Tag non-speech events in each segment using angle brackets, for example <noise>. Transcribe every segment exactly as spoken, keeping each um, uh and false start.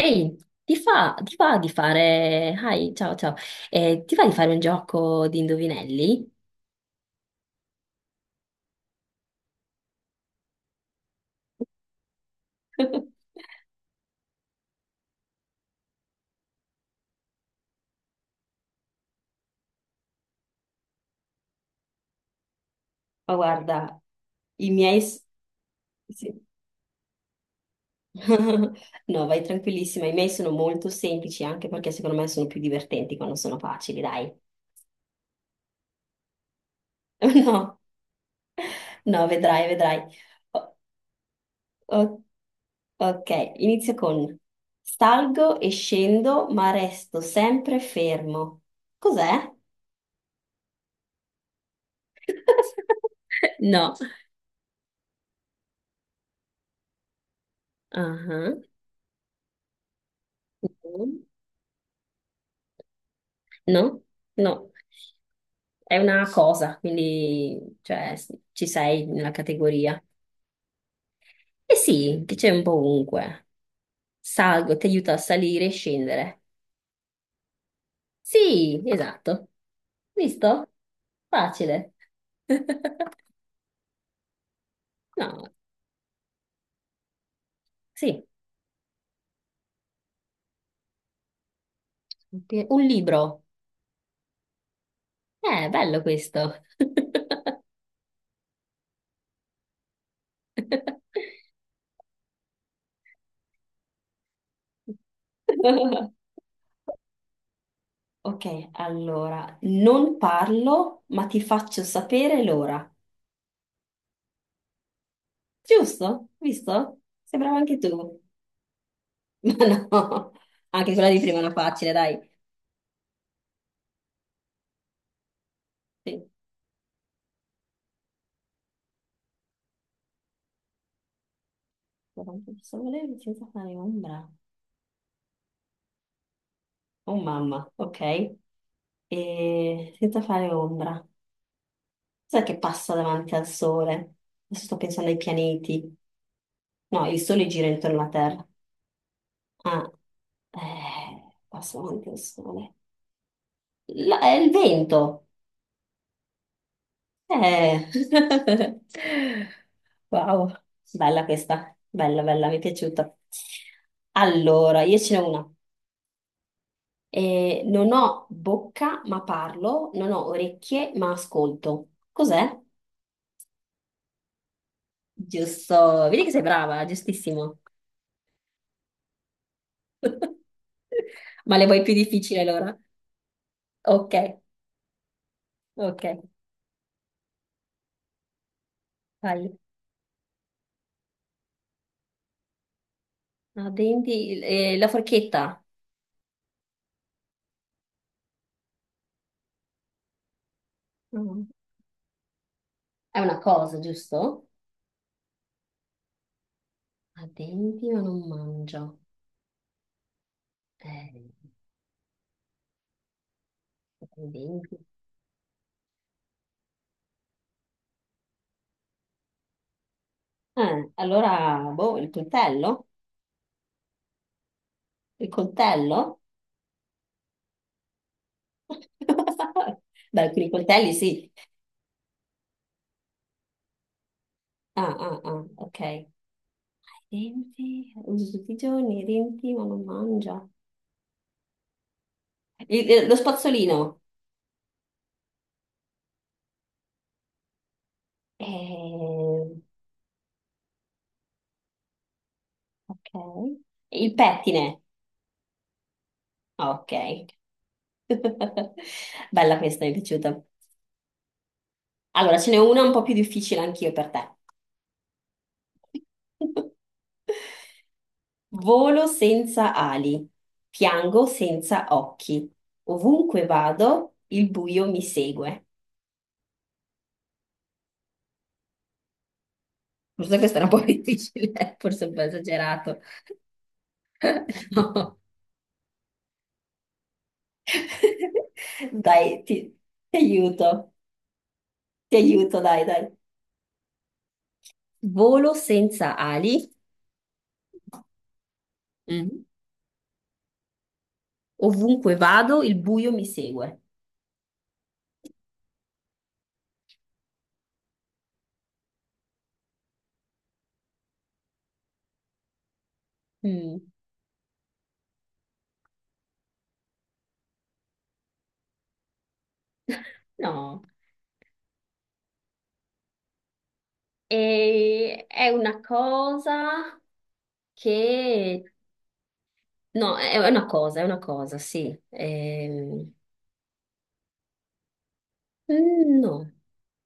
Ehi, ti fa, ti va di fare... Hi, ciao, ciao. Eh, ti va di fare un gioco di indovinelli? <laughs> Ma guarda, i miei... s- sì. <laughs> No, vai tranquillissima, i miei sono molto semplici anche perché secondo me sono più divertenti quando sono facili, dai. <laughs> No. No, vedrai, vedrai. O- o- ok, inizio con salgo e scendo, ma resto sempre fermo. Cos'è? <laughs> No. Ah, no, no, no. È una cosa, quindi cioè, s- ci sei nella categoria. Eh sì, che c'è un po' ovunque. Salgo, ti aiuta a salire e scendere. Sì, esatto. Visto? Facile. <laughs> No, sì. Pe- un libro. Eh, bello questo. <laughs> Ok, allora, non parlo, ma ti faccio sapere l'ora. Giusto? Visto? Sembrava anche tu. <laughs> Ma no, anche quella di prima era facile, dai. Sì. Sole senza fare ombra. Oh mamma, ok. E senza fare ombra. Cos'è che passa davanti al sole? Adesso sto pensando ai pianeti. No, il sole gira intorno alla Terra. Ah, eh, passa davanti al sole. La- è il vento. Eh. <laughs> Wow, bella questa, bella, bella, mi è piaciuta. Allora, io ce n'ho una. Eh, non ho bocca ma parlo, non ho orecchie ma ascolto. Cos'è? Giusto, vedi che sei brava, giustissimo. <laughs> Ma le vuoi più difficili allora? Ok, ok, vai. Ah, denti, eh, la forchetta. Mm. È una cosa, giusto? Ha denti ma non mangia. Eh, ha i denti. Eh, allora, boh, il coltello? Il coltello? <laughs> Beh, alcuni coltelli sì. Ah, ah, ah, ok. Denti, uso tutti i giorni, i denti ma non mangia. Il- eh, lo spazzolino? Eh, ok. Il pettine? Ok. <laughs> Bella questa, mi è piaciuta. Allora, ce n'è una un po' più difficile anch'io per te. <laughs> Volo senza ali, piango senza occhi. Ovunque vado, il buio mi segue. Forse questa era un po' <laughs> difficile, forse un po' esagerato. No. <laughs> Dai, ti, ti aiuto, ti aiuto, dai, dai. Volo senza ali, mm, ovunque vado, il buio mi segue. Mm, no, e è una cosa che no, è è una cosa, è una cosa, sì. Ehm, mm, no,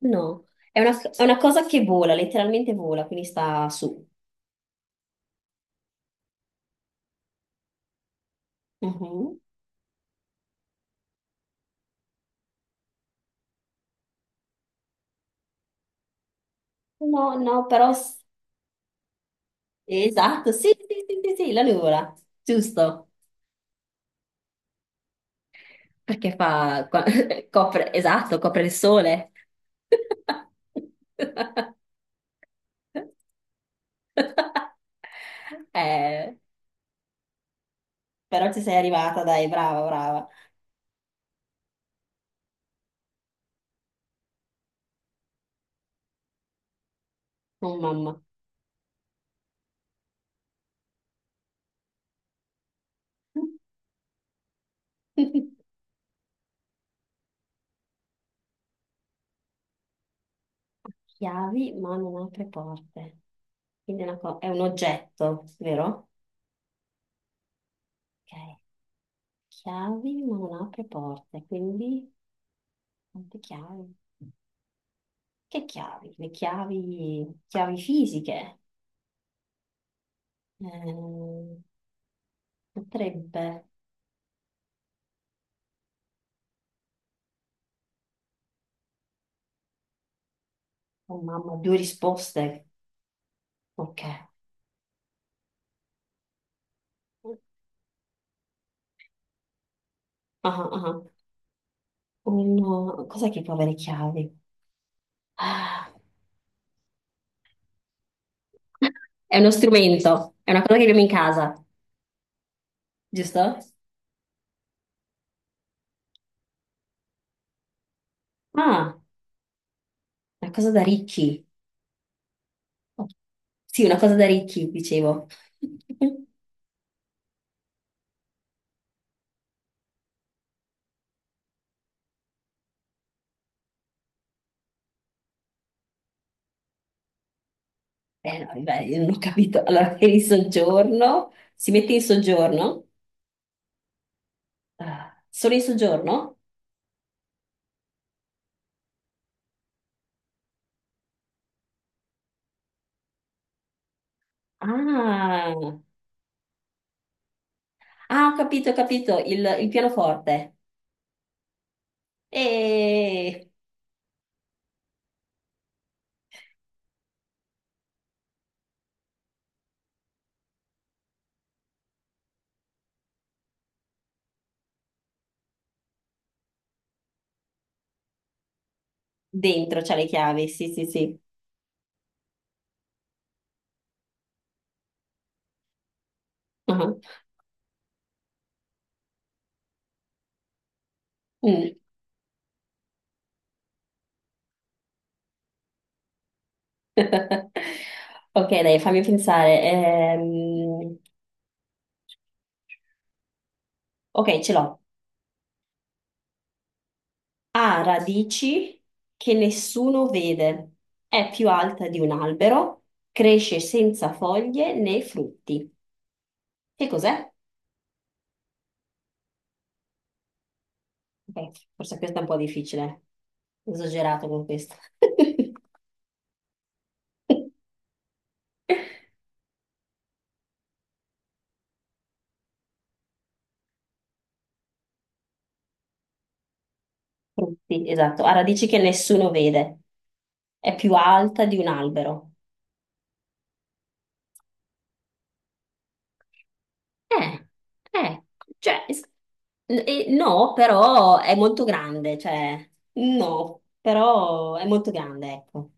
no. È una, è una cosa che vola, letteralmente vola, quindi sta su. Mhm. No, no, però... s- esatto, sì, sì, sì, sì, sì, la nuvola, giusto. Perché fa... co- <laughs> copre, esatto, copre il sole. <laughs> Eh, però ci sei arrivata, dai, brava, brava. Oh, mamma. <laughs> Chiavi, ma non apre porte. Quindi è, una co- è un oggetto, vero? Ok. Chiavi ma non apre porte, quindi quante chiavi? Che chiavi? Le chiavi, chiavi fisiche. Ehm, potrebbe. Oh mamma, due risposte. Ok. Ah, ah. Uno... Cos'è che può avere chiavi? Ah. <laughs> È uno strumento, è una cosa che abbiamo in casa, giusto? Ah, una cosa da ricchi. Sì, una cosa da ricchi, dicevo. <laughs> Eh, no, beh, io non ho capito. Allora, eri in soggiorno? Si mette in soggiorno? Ah, solo in soggiorno? Ah, ah, ho capito, ho capito. Il, il pianoforte. E dentro c'ha le chiavi. Sì, sì, sì. Ah, mm. Ok, dai, fammi pensare. Ehm, ok, ce l'ho. Ha radici che nessuno vede. È più alta di un albero. Cresce senza foglie né frutti. Che cos'è? Ok, forse questa è un po' difficile. Esagerato con questa. <laughs> Frutti, esatto. Ha radici che nessuno vede. È più alta di un albero. Eh, eh, cioè, s- n- eh, no, però è molto grande, cioè, no, però è molto grande, ecco.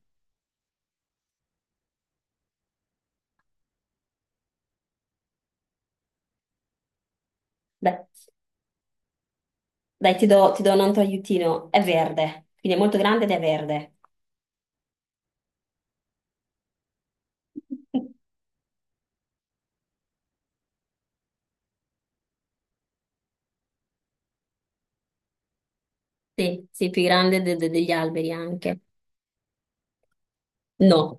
Dai, dai, ti do, ti do un altro aiutino. È verde, quindi è molto grande ed è verde. <laughs> Sì, sì, più grande de- de- degli alberi anche. No.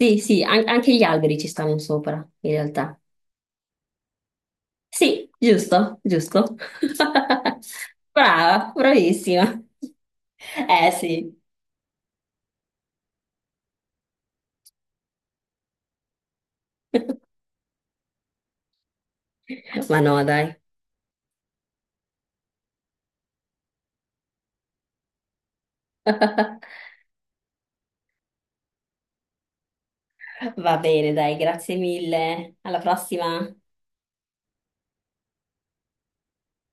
Sì, sì, an- anche gli alberi ci stanno sopra, in realtà. Sì, giusto, giusto. <laughs> Brava, bravissima. Eh sì, ma no, dai. <laughs> Va bene, dai, grazie mille. Alla prossima.